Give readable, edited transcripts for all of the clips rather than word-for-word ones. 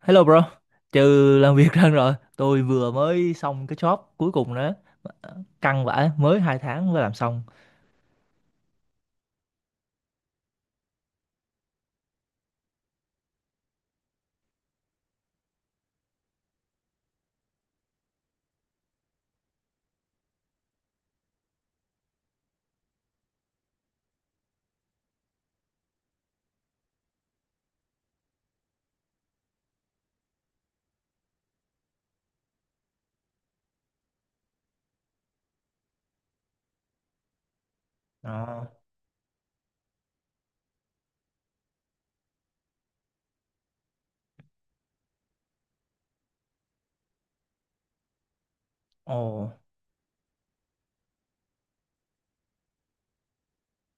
Hello bro, trừ làm việc ra rồi, tôi vừa mới xong cái job cuối cùng đó, căng vãi, mới hai tháng mới làm xong. Đó. Ồ,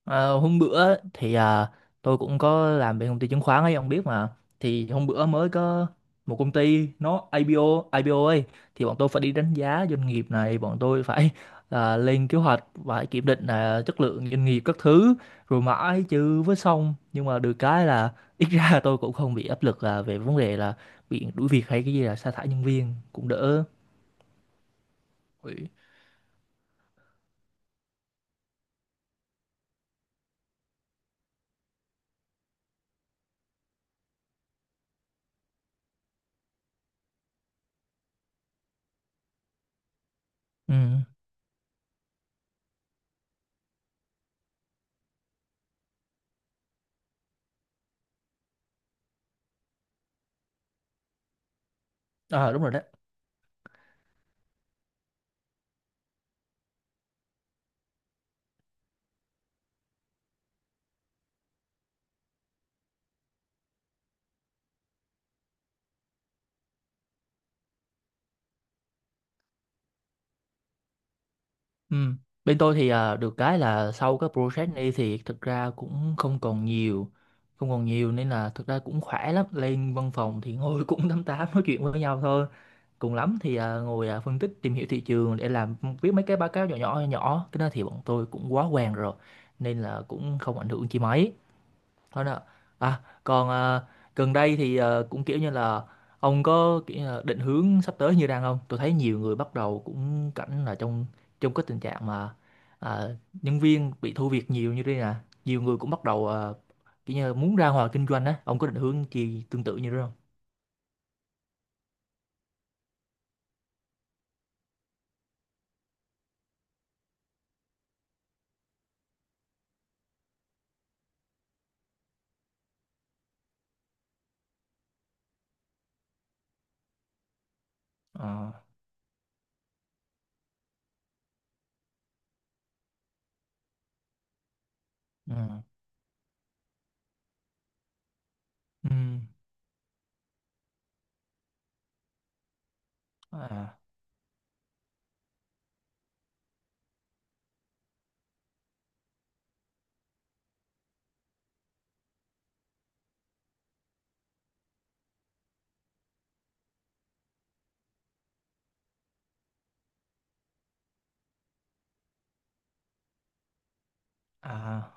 Hôm bữa thì tôi cũng có làm bên công ty chứng khoán ấy, ông biết mà. Thì hôm bữa mới có một công ty nó IPO, IPO ấy, thì bọn tôi phải đi đánh giá doanh nghiệp này. Bọn tôi phải lên kế hoạch, phải kiểm định là chất lượng doanh nghiệp các thứ, rồi mãi chứ với xong. Nhưng mà được cái là ít ra tôi cũng không bị áp lực là về vấn đề là bị đuổi việc hay cái gì, là sa thải nhân viên cũng đỡ. Ừ. Ừ. À, đúng rồi đấy. Ừ. Bên tôi thì được cái là sau cái project này thì thực ra cũng không còn nhiều, không còn nhiều nên là thực ra cũng khỏe lắm. Lên văn phòng thì ngồi cũng tám tám nói chuyện với nhau thôi. Cùng lắm thì ngồi phân tích tìm hiểu thị trường để làm, viết mấy cái báo cáo nhỏ nhỏ. Cái đó thì bọn tôi cũng quá quen rồi nên là cũng không ảnh hưởng chi mấy. Thôi nè. À, còn gần đây thì cũng kiểu như là ông có kiểu như là định hướng sắp tới như đang không? Tôi thấy nhiều người bắt đầu cũng cảnh là trong trong cái tình trạng mà à, nhân viên bị thu việc nhiều như thế nè. Nhiều người cũng bắt đầu kiểu như là muốn ra ngoài kinh doanh á. Ông có định hướng gì tương tự như thế không? Ờ. Ừ. Ừ. À. À.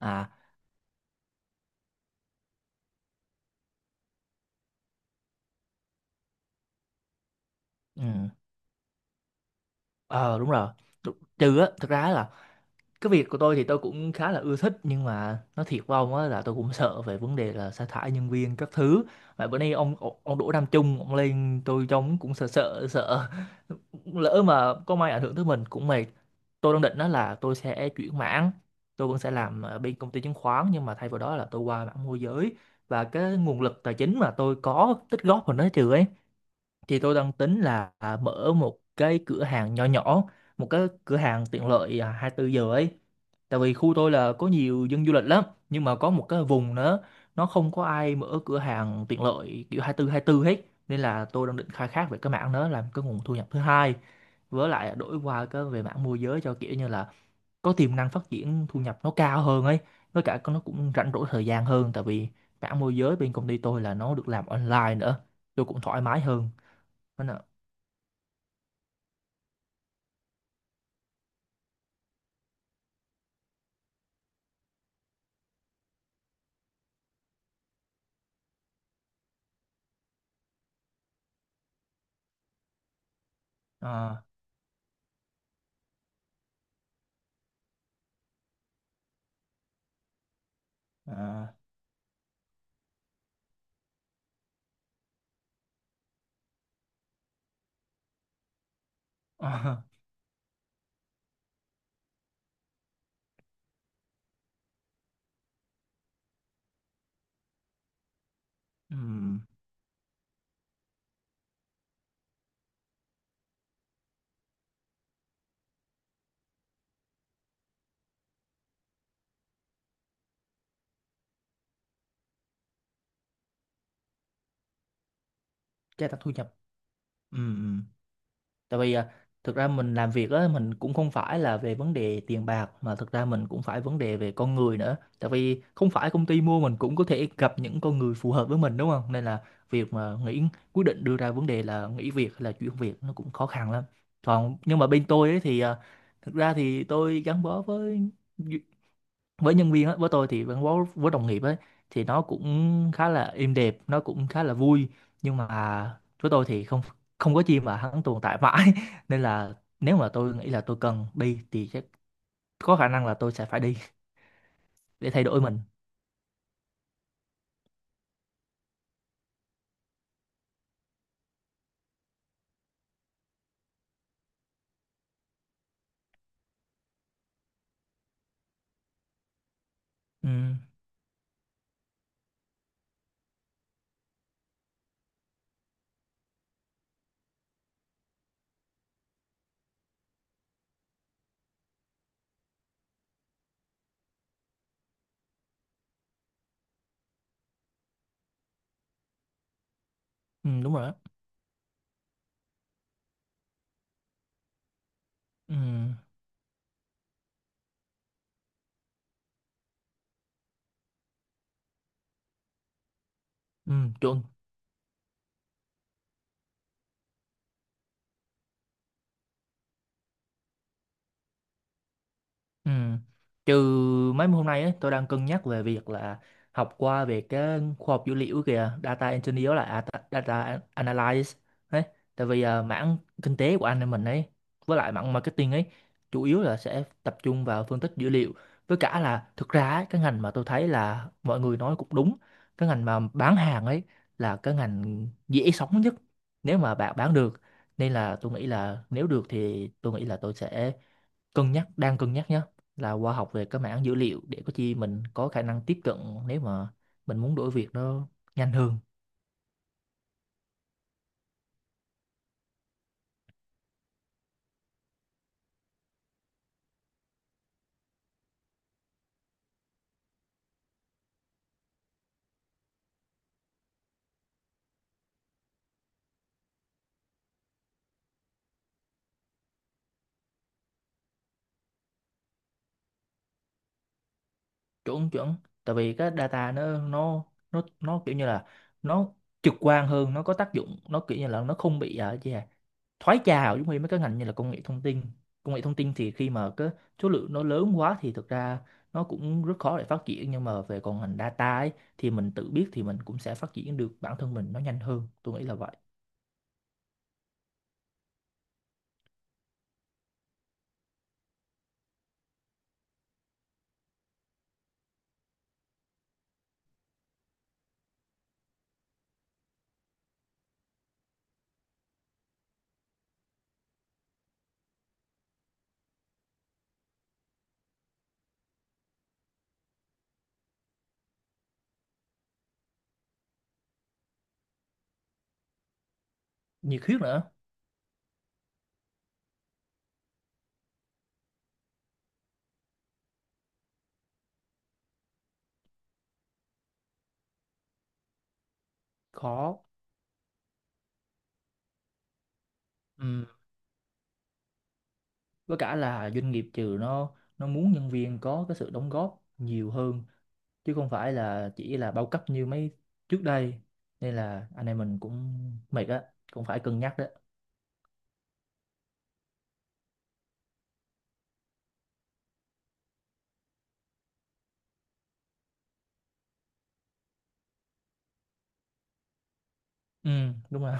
À. Ừ. Ờ, đúng rồi. Tr- Trừ á, thực ra là cái việc của tôi thì tôi cũng khá là ưa thích, nhưng mà nói thiệt với ông á là tôi cũng sợ về vấn đề là sa thải nhân viên các thứ. Mà bữa nay ông Đỗ Nam Trung ông lên, tôi trông cũng sợ sợ sợ. Lỡ mà có may ảnh hưởng tới mình cũng mệt. Tôi đang định đó là tôi sẽ chuyển mảng. Tôi vẫn sẽ làm ở bên công ty chứng khoán nhưng mà thay vào đó là tôi qua mảng môi giới, và cái nguồn lực tài chính mà tôi có tích góp vào nó trừ ấy, thì tôi đang tính là mở một cái cửa hàng nhỏ nhỏ, một cái cửa hàng tiện lợi 24 giờ ấy. Tại vì khu tôi là có nhiều dân du lịch lắm, nhưng mà có một cái vùng nữa nó không có ai mở cửa hàng tiện lợi kiểu 24 hết, nên là tôi đang định khai thác về cái mảng đó làm cái nguồn thu nhập thứ hai. Với lại đổi qua cái về mảng môi giới cho kiểu như là có tiềm năng phát triển thu nhập nó cao hơn ấy, với cả nó cũng rảnh rỗi thời gian hơn, tại vì mảng môi giới bên công ty tôi là nó được làm online nữa, tôi cũng thoải mái hơn. Ờ, ờ, ờ, ừm, gia tăng thu nhập. Ừm, ừm. Tại vì thực ra mình làm việc á mình cũng không phải là về vấn đề tiền bạc, mà thực ra mình cũng phải vấn đề về con người nữa, tại vì không phải công ty mua mình cũng có thể gặp những con người phù hợp với mình đúng không, nên là việc mà nghĩ, quyết định đưa ra vấn đề là nghỉ việc hay là chuyển việc nó cũng khó khăn lắm. Còn nhưng mà bên tôi ấy thì thực ra thì tôi gắn bó với nhân viên á, với tôi thì gắn bó với đồng nghiệp ấy thì nó cũng khá là êm đẹp, nó cũng khá là vui. Nhưng mà với tôi thì không, không có chi mà hắn tồn tại mãi nên là nếu mà tôi nghĩ là tôi cần đi thì chắc có khả năng là tôi sẽ phải đi, để thay đổi mình. Ừ, ừ, đúng rồi đó. Ừ, ừ, chuẩn. Ừ. Trừ mấy hôm nay ấy, tôi đang cân nhắc về việc là học qua về cái khoa học dữ liệu kìa, data engineer, là data analyst đấy. Tại vì mảng kinh tế của anh em mình ấy, với lại mảng marketing ấy, chủ yếu là sẽ tập trung vào phân tích dữ liệu. Với cả là thực ra ấy, cái ngành mà tôi thấy là mọi người nói cũng đúng, cái ngành mà bán hàng ấy là cái ngành dễ sống nhất, nếu mà bạn bán được. Nên là tôi nghĩ là nếu được thì tôi nghĩ là tôi sẽ cân nhắc, đang cân nhắc nhé, là qua học về cái mảng dữ liệu để có chi mình có khả năng tiếp cận nếu mà mình muốn đổi việc nó nhanh hơn. Chuẩn chuẩn, tại vì cái data nó kiểu như là nó trực quan hơn, nó có tác dụng, nó kiểu như là nó không bị thoái trào giống như mấy cái ngành như là công nghệ thông tin. Công nghệ thông tin thì khi mà cái số lượng nó lớn quá thì thực ra nó cũng rất khó để phát triển, nhưng mà về còn ngành data ấy, thì mình tự biết thì mình cũng sẽ phát triển được bản thân mình nó nhanh hơn, tôi nghĩ là vậy. Nhiệt huyết nữa. Khó. Ừm, với cả là doanh nghiệp trừ nó muốn nhân viên có cái sự đóng góp nhiều hơn chứ không phải là chỉ là bao cấp như mấy trước đây, nên là anh em mình cũng mệt á, cũng phải cân nhắc đó. Ừ, đúng rồi.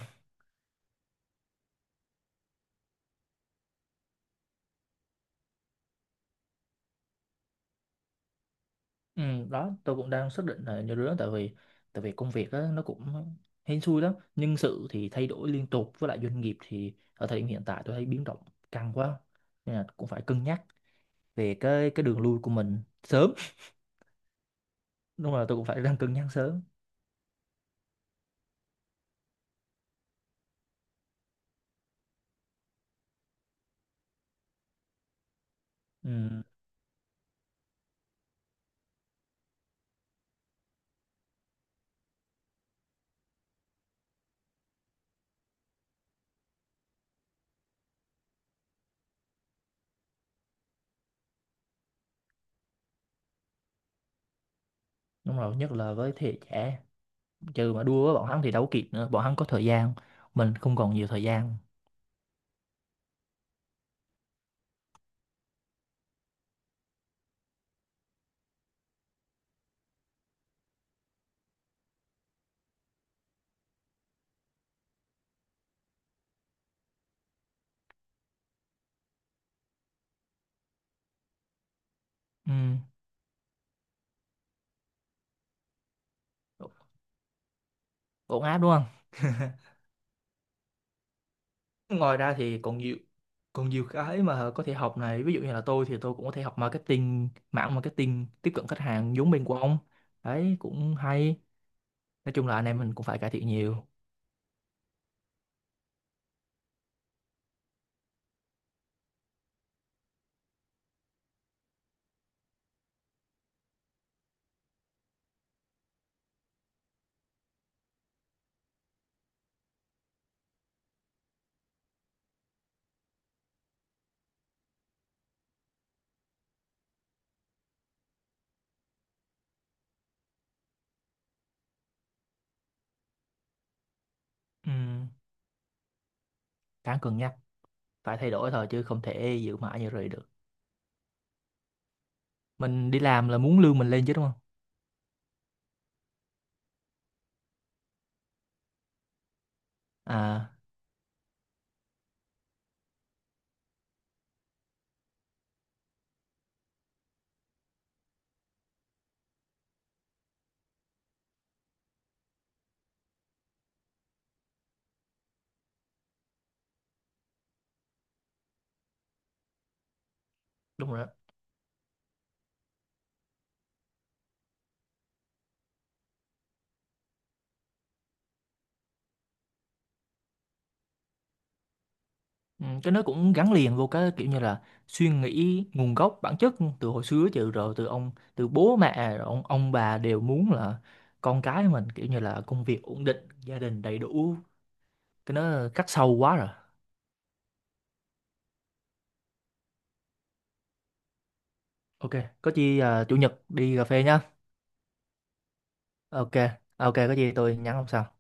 Ừ, đó, tôi cũng đang xác định là như đứa. Tại vì, tại vì công việc á nó cũng hên xui lắm, nhân sự thì thay đổi liên tục, với lại doanh nghiệp thì ở thời điểm hiện tại tôi thấy biến động căng quá, nên là cũng phải cân nhắc về cái đường lui của mình sớm. Đúng rồi, tôi cũng phải đang cân nhắc sớm. Ừ, đúng rồi, nhất là với thế hệ trẻ. Trừ mà đua với bọn hắn thì đâu có kịp nữa, bọn hắn có thời gian, mình không còn nhiều thời gian. Ừ. Ổn áp đúng không? Ngoài ra thì còn nhiều, còn nhiều cái mà có thể học này, ví dụ như là tôi thì tôi cũng có thể học marketing, mảng marketing tiếp cận khách hàng giống bên của ông. Đấy cũng hay. Nói chung là anh em mình cũng phải cải thiện nhiều. Ừ. Đáng cân nhắc. Phải thay đổi thôi chứ không thể giữ mãi như vậy được. Mình đi làm là muốn lương mình lên chứ, đúng không? À, đúng rồi. Ừ, cái nó cũng gắn liền vô cái kiểu như là suy nghĩ nguồn gốc bản chất từ hồi xưa chứ, rồi từ ông, từ bố mẹ rồi ông bà đều muốn là con cái mình kiểu như là công việc ổn định, gia đình đầy đủ, cái nó khắc sâu quá rồi. Ok. Có chi chủ nhật đi cà phê nhá. Ok. Ok, có gì tôi nhắn ông sau.